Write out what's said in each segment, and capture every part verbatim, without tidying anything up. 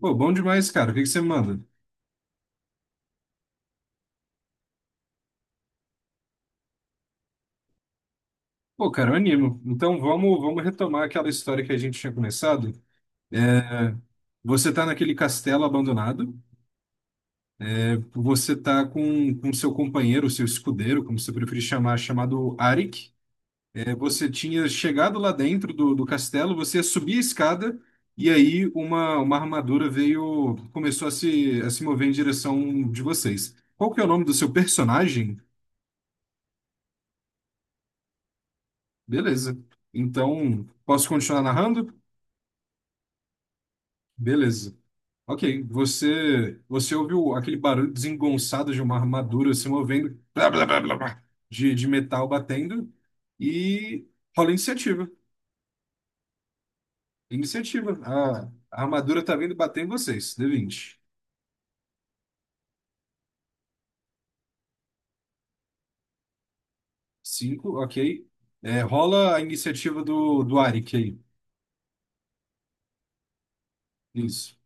Pô, bom demais, cara. O que que você manda? Pô, cara, eu animo. Então vamos, vamos retomar aquela história que a gente tinha começado. Você tá naquele castelo abandonado. Você tá com, com seu companheiro, seu escudeiro, como você preferir chamar, chamado Arik. É, você tinha chegado lá dentro do, do castelo, você ia subir a escada e aí uma, uma armadura veio, começou a se, a se mover em direção de vocês. Qual que é o nome do seu personagem? Beleza. Então, posso continuar narrando? Beleza. Ok, você você ouviu aquele barulho desengonçado de uma armadura se movendo, blá, blá, blá, blá, blá, de, de metal batendo, e rola iniciativa. Iniciativa. A, a armadura tá vindo bater em vocês. D vinte. Cinco, ok. É, rola a iniciativa do, do Arik aí. Isso,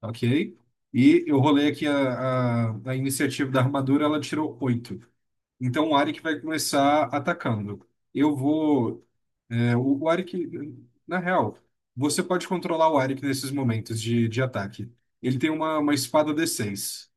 ok. E eu rolei aqui a, a, a iniciativa da armadura, ela tirou oito. Então o Arik vai começar atacando. Eu vou. É, o, o Arik, na real, você pode controlar o Arik nesses momentos de, de ataque. Ele tem uma, uma espada d seis.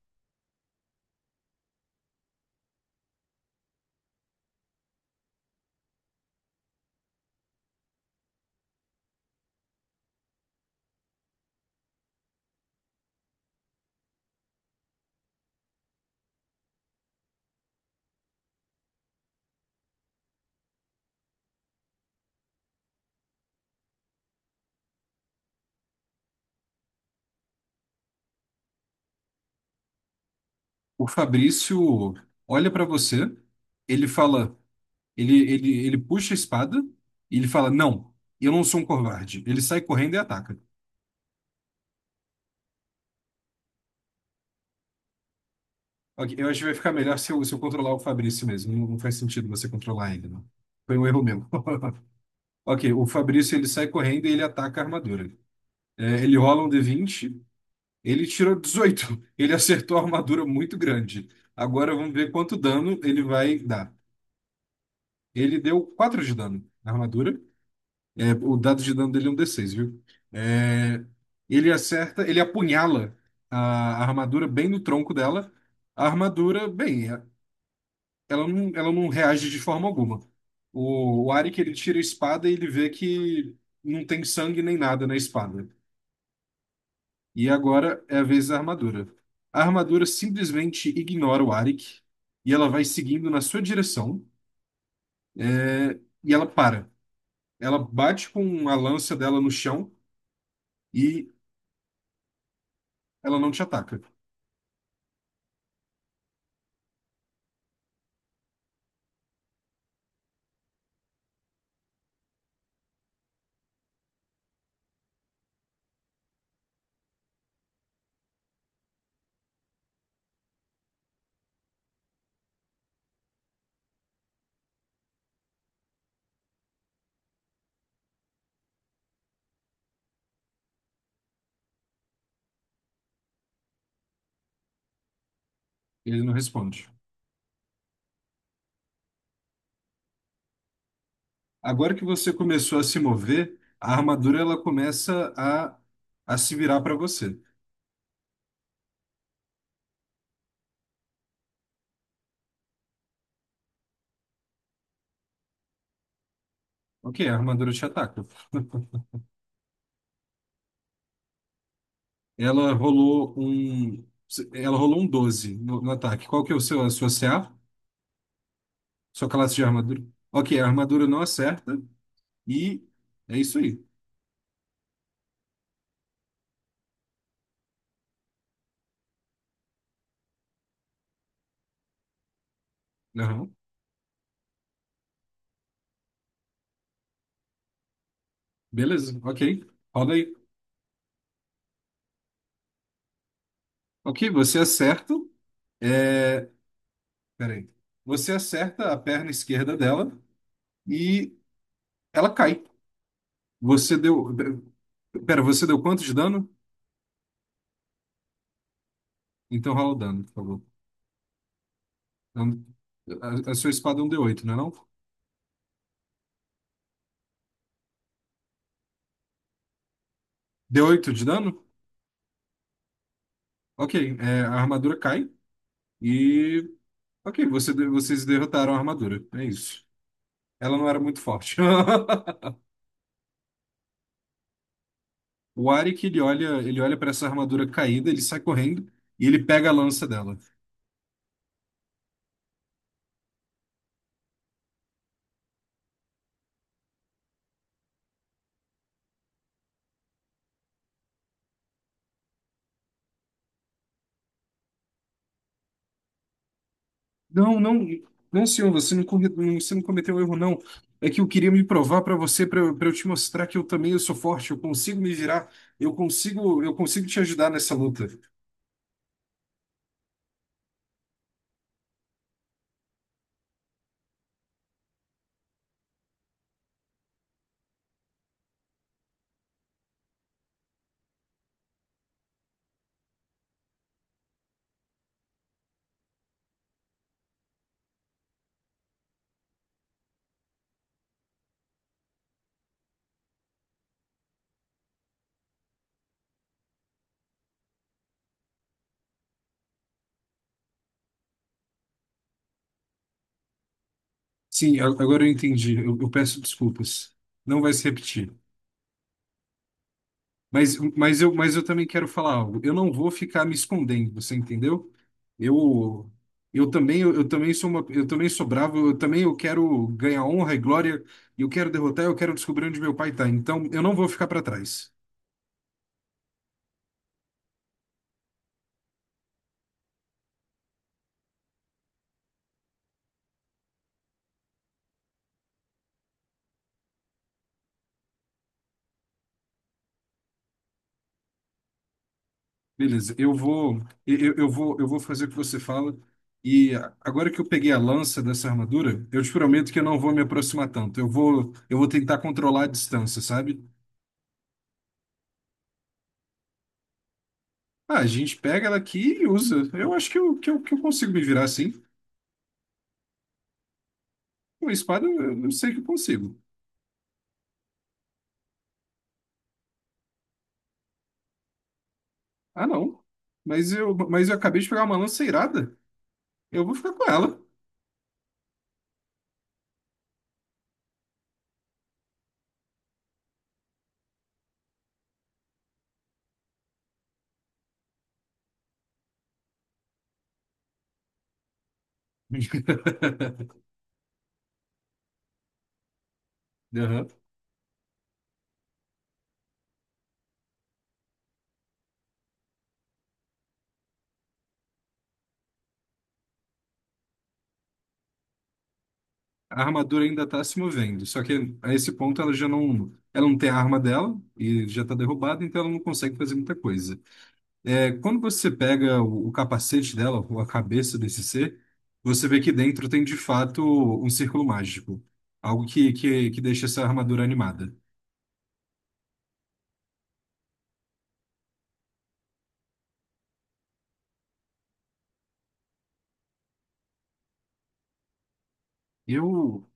O Fabrício olha pra você, ele fala, ele, ele, ele puxa a espada e ele fala, não, eu não sou um covarde. Ele sai correndo e ataca. Ok, eu acho que vai ficar melhor se eu, se eu controlar o Fabrício mesmo. Não, não faz sentido você controlar ele, não. Foi um erro meu. Ok, o Fabrício ele sai correndo e ele ataca a armadura. É, ele rola um D vinte. Ele tirou dezoito. Ele acertou a armadura muito grande. Agora vamos ver quanto dano ele vai dar. Ele deu quatro de dano na armadura. É, o dado de dano dele é um D seis, viu? É, ele acerta, ele apunhala a a armadura bem no tronco dela. A armadura, bem, é- ela não, ela não reage de forma alguma. O, o Arik, ele tira a espada e ele vê que não tem sangue nem nada na espada. E agora é a vez da armadura. A armadura simplesmente ignora o Arik e ela vai seguindo na sua direção, é, e ela para. Ela bate com a lança dela no chão e ela não te ataca. Ele não responde. Agora que você começou a se mover, a armadura ela começa a, a se virar para você. Ok, a armadura te ataca. Ela rolou um, ela rolou um doze no, no ataque. Qual que é o seu, a sua C A? Sua classe de armadura. Ok, a armadura não acerta. E é isso aí. Aham. Beleza, ok. Roda aí. Ok, você acerta. É... Peraí. Você acerta a perna esquerda dela e ela cai. Você deu. Pera, você deu quanto de dano? Então rola o dano, por favor. Então, A, a sua espada é um d oito, não é, não? D oito de dano? Ok, é, a armadura cai e. Ok, você, de- vocês derrotaram a armadura. É isso. Ela não era muito forte. O Arik, ele olha, ele olha para essa armadura caída, ele sai correndo e ele pega a lança dela. Não, não, não, senhor, você não, corre- não- você não cometeu erro, não. É que eu queria me provar para você, para eu te mostrar que eu também eu sou forte, eu consigo me virar, eu consigo, eu consigo te ajudar nessa luta. Sim, a- agora eu entendi. Eu, eu peço desculpas. Não vai se repetir. Mas, mas, eu, mas eu também quero falar algo. Eu não vou ficar me escondendo, você entendeu? Eu, eu também, eu, também sou uma, eu também sou bravo, eu também eu quero ganhar honra e glória, eu quero derrotar, eu quero descobrir onde meu pai tá. Então, eu não vou ficar para trás. Beleza, eu vou, eu, eu vou, eu vou fazer o que você fala. E agora que eu peguei a lança dessa armadura, eu te prometo que eu não vou me aproximar tanto. Eu vou, eu vou tentar controlar a distância, sabe? Ah, a gente pega ela aqui e usa. Eu acho que eu, que eu, que eu consigo me virar assim. Com espada eu eu não sei que eu consigo. Ah, não. Mas eu, mas eu acabei de pegar uma lança irada. Eu vou ficar com ela. Aham. A armadura ainda tá se movendo. Só que a esse ponto ela já não, ela não tem a arma dela e já tá derrubada, então ela não consegue fazer muita coisa. É, quando você pega o, o capacete dela, ou a cabeça desse ser, você vê que dentro tem de fato um círculo mágico. Algo que, que, que deixa essa armadura animada. Eu,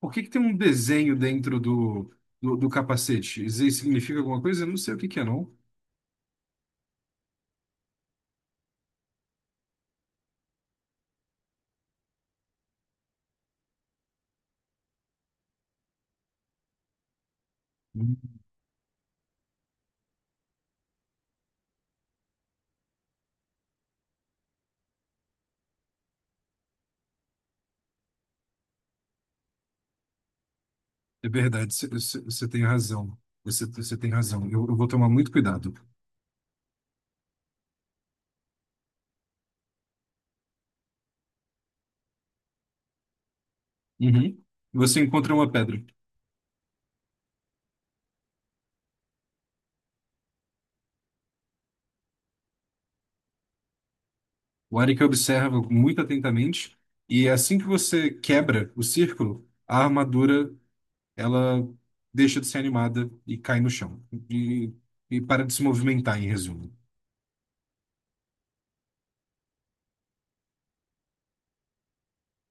por que que tem um desenho dentro do, do, do capacete? Isso aí significa alguma coisa? Eu não sei o que que é, não. Hum, é verdade, você você- você tem razão. Você, você tem razão. Eu, eu vou tomar muito cuidado. Uhum. Você encontra uma pedra. O Arik observa muito atentamente e é assim que você quebra o círculo, a armadura ela deixa de ser animada e cai no chão e, e para de se movimentar, em resumo.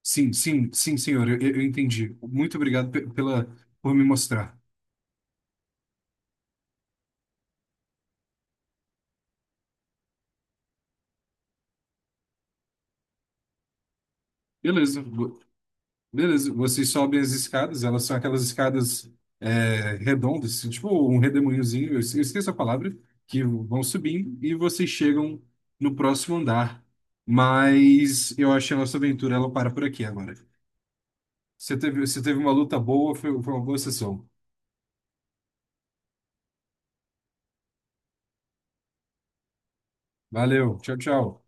Sim, sim, sim, senhor, eu, eu entendi. Muito obrigado pe- pela por me mostrar. Beleza, vo- beleza. Vocês sobem as escadas, elas são aquelas escadas é, redondas, assim, tipo um redemoinhozinho, eu esque- eu esqueço a palavra, que vão subindo e vocês chegam no próximo andar. Mas eu acho que a nossa aventura ela para por aqui agora. Você teve, você teve uma luta boa, foi, foi uma boa sessão. Valeu, tchau, tchau.